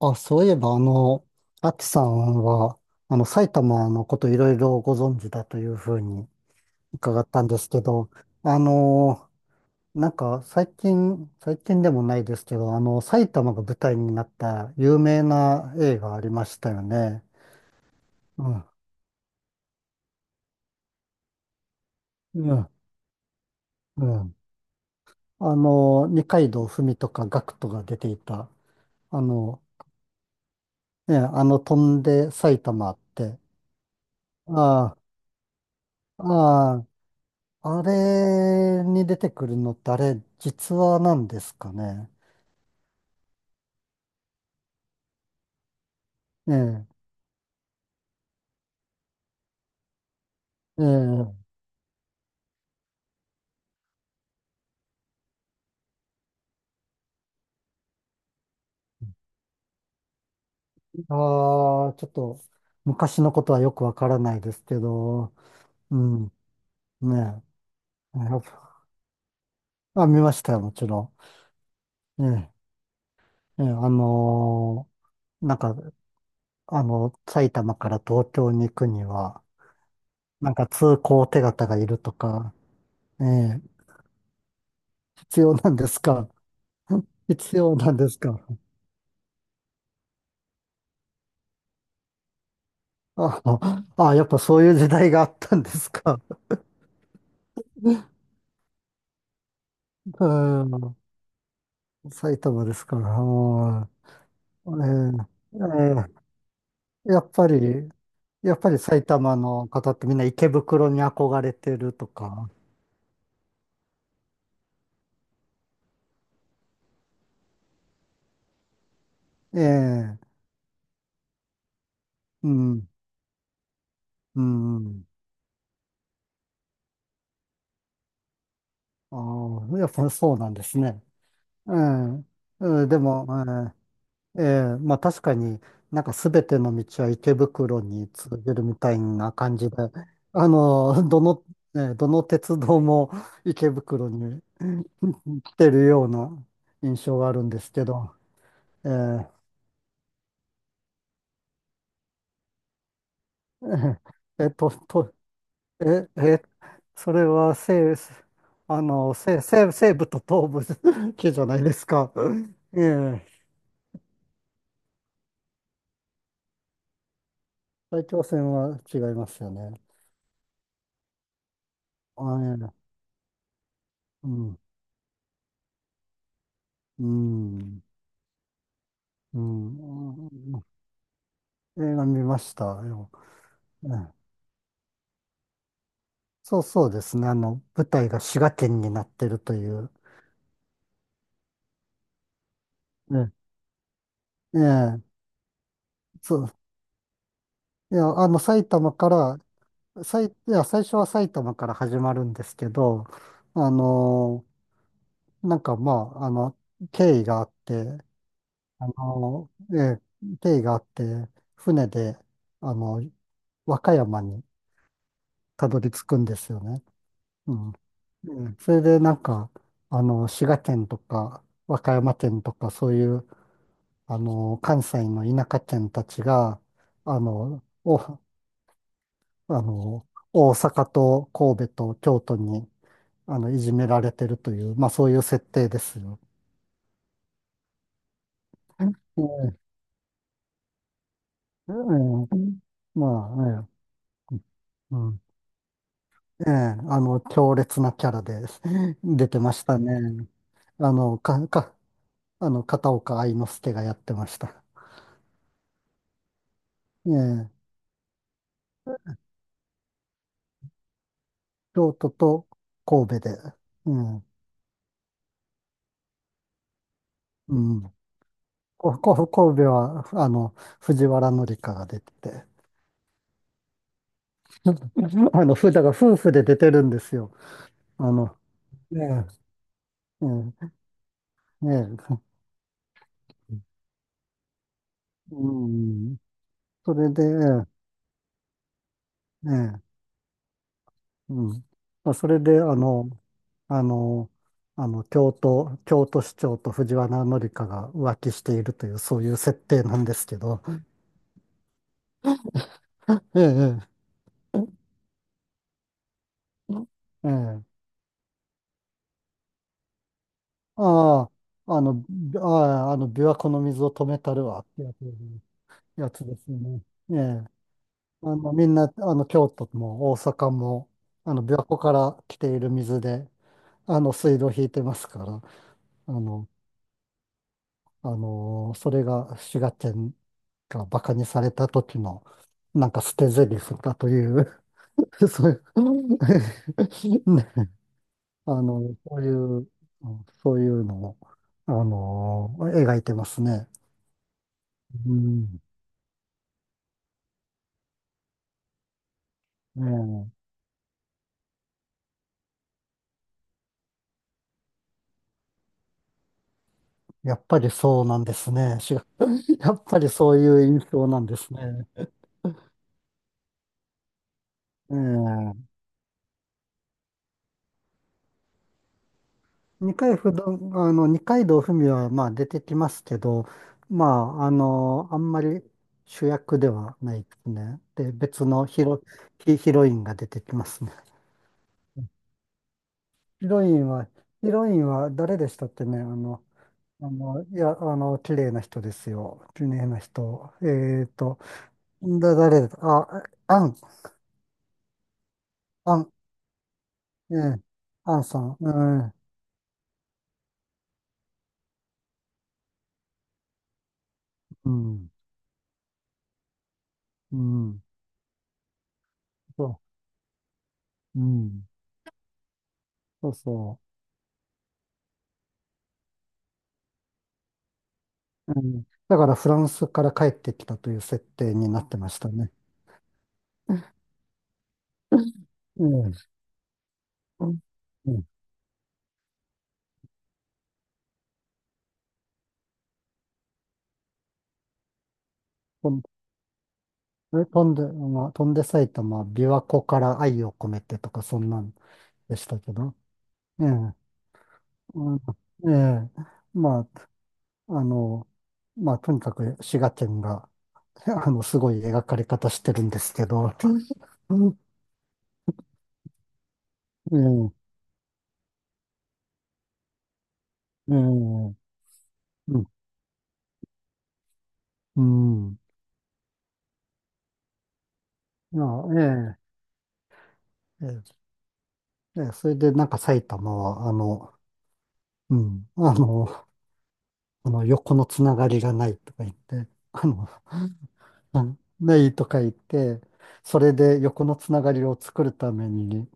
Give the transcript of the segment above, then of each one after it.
そういえば、アキさんは、埼玉のこといろいろご存知だというふうに伺ったんですけど、あの、なんか最近でもないですけど、埼玉が舞台になった有名な映画ありましたよね。うん、うん、うん。二階堂ふみとかガクトが出ていた、あの、飛んで埼玉って、ああ、ああ、あれに出てくるのってあれ、実話なんですかね。ええ、ええ、ああ、ちょっと昔のことはよくわからないですけど、うん、ねえ、やっぱあ、見ましたよ、もちろん。ええ、ええ、なんか、埼玉から東京に行くには、なんか通行手形がいるとか、ええ、必要なんですか？ 必要なんですか？ ああ、やっぱそういう時代があったんですか？うん、埼玉ですから。うえーえやっぱり、やっぱり埼玉の方ってみんな池袋に憧れてるとか。ええ、うん、うん。ああ、やっぱそうなんですね。ええ、うんでも、ええええまあ確かに、なんか全ての道は池袋に通じるみたいな感じで、あの、どの、ね、どの鉄道も池袋に来てるような印象があるんですけど、えーえーえっと、と、え、え、それは生、あの、生、生、西部と東部 系じゃないですか。ええ、大気汚染は違いますよね。あ、ええ、うん、うん、うん、うん、映画見ましたよ。ええ、そうそうですね。舞台が滋賀県になってるという。ええ、ええ、そう。いや、あの、埼玉からさい、いや、最初は埼玉から始まるんですけど、あのなんかまあ、経緯があって、あのええ、経緯があって、船で、あの、和歌山にたどり着くんですよね。うん。うん、それでなんか、滋賀県とか、和歌山県とか、そういう、関西の田舎県たちが、あの、お、あの、大阪と神戸と京都に、いじめられてるという、まあそういう設定ですよ。ええ、ええ、まあ、ええ、うん、ええ、強烈なキャラで 出てましたね。あの、か、か、あの、片岡愛之助がやってました。ええ、京都と神戸で、ええ、うん。神戸は、藤原紀香が出てて、だから夫婦で出てるんですよ。あの、ええ、ええ、ええ、うん。それで、ええ、ええ、うん。まあ、それで、あの、京都市長と藤原紀香が浮気しているという、そういう設定なんですけど、ええ、ええ、ええ、ああ、あの、びああ、あの、琵琶湖の水を止めたるわってやつ、やつですね。ええ、みんな、京都も大阪も、琵琶湖から来ている水で、水道を引いてますから、あの、それが滋賀県が馬鹿にされた時の、なんか捨て台詞だという そういう ね、あの、そういう、そういうのを、描いてますね。うん。ねえ、やっぱりそうなんですね。滋賀 やっぱりそういう印象なんですね。ええ、二階堂ふみはまあ出てきますけど、まあ、あんまり主役ではないですね。で、別のヒロインが出てきますね。ヒロインは、ヒロインは誰でしたってね、綺麗な人ですよ。綺麗な人。えっと、だ、誰だ、あ、アン、アン、ええ、アンさん、うん、うん、うん、そう、うん、そうそう。うん、だからフランスから帰ってきたという設定になってましたね。ええ、うん、うん、飛んえ飛んで、まあ、飛んで埼玉、琵琶湖から愛を込めてとか、そんなんでしたけど。ええ、うん、ええ、まあ、あの、まあ、とにかく滋賀県が、すごい描かれ方してるんですけど。うん、ええ、ええ、うん、うん。いや、ええ、ええ、ええ、それでなんか埼玉は、うん。この横のつながりがないとか言って、あないとか言って、それで横のつながりを作るために、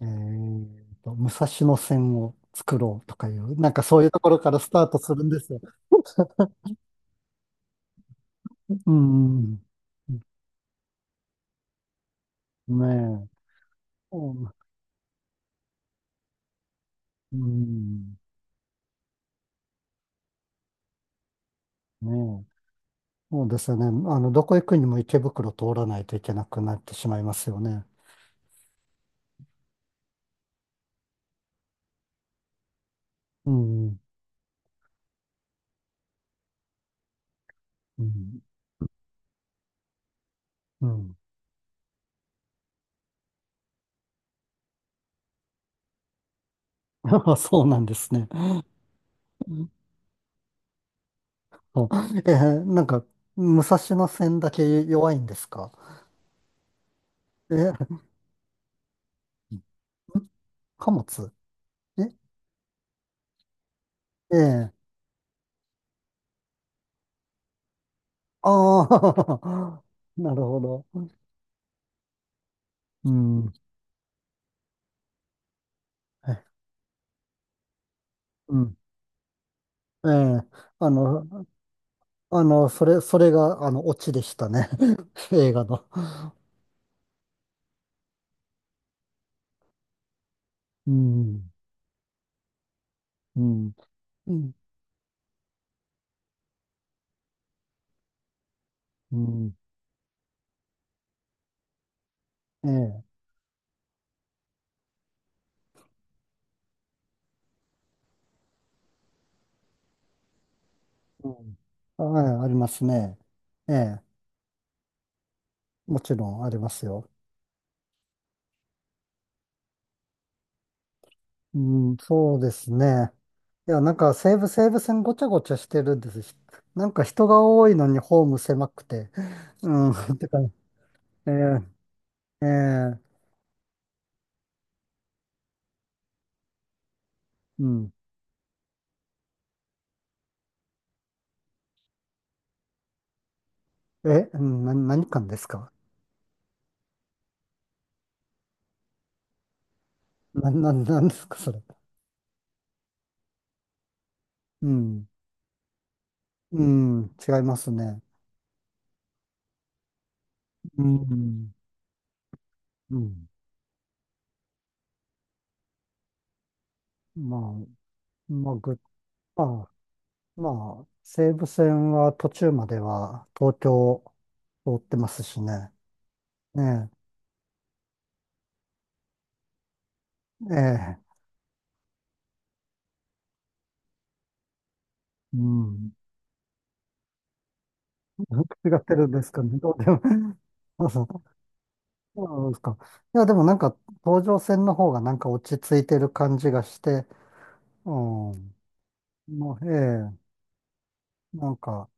武蔵野線を作ろうとかいう、なんかそういうところからスタートするんですよ。うん。ねえ。うん。ねえ。そうですよね。どこ行くにも池袋通らないといけなくなってしまいますよね。うん。うん。うん。そうなんですね。なんか、武蔵野線だけ弱いんですか？えー、貨物、え、ええああー、なるほど。うん、え、うん、ええ、あの、それが、オチでしたね。映画の。うん、うん、うん、うん、ええ、うん、はい、ありますね。ええ、もちろんありますよ。うん、そうですね。いや、なんか西武線ごちゃごちゃしてるんですし。なんか人が多いのにホーム狭くて。うん、ってか、えー、えー、うん。え、うん、何館ですか？なんですか、それ。うん、うん、違いますね。うん、うん。まあ、まあ、ぐ、まあ、まあ、西武線は途中までは東京通ってますしね。ねえ、ええ、うん。違ってるんですかね。どうでも。そうなんですか。いや、でもなんか、東上線の方がなんか落ち着いてる感じがして、うん。もう、ええ、なんか、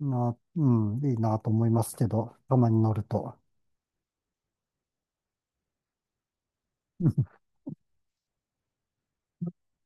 うん、いいなと思いますけど、たまに乗ると。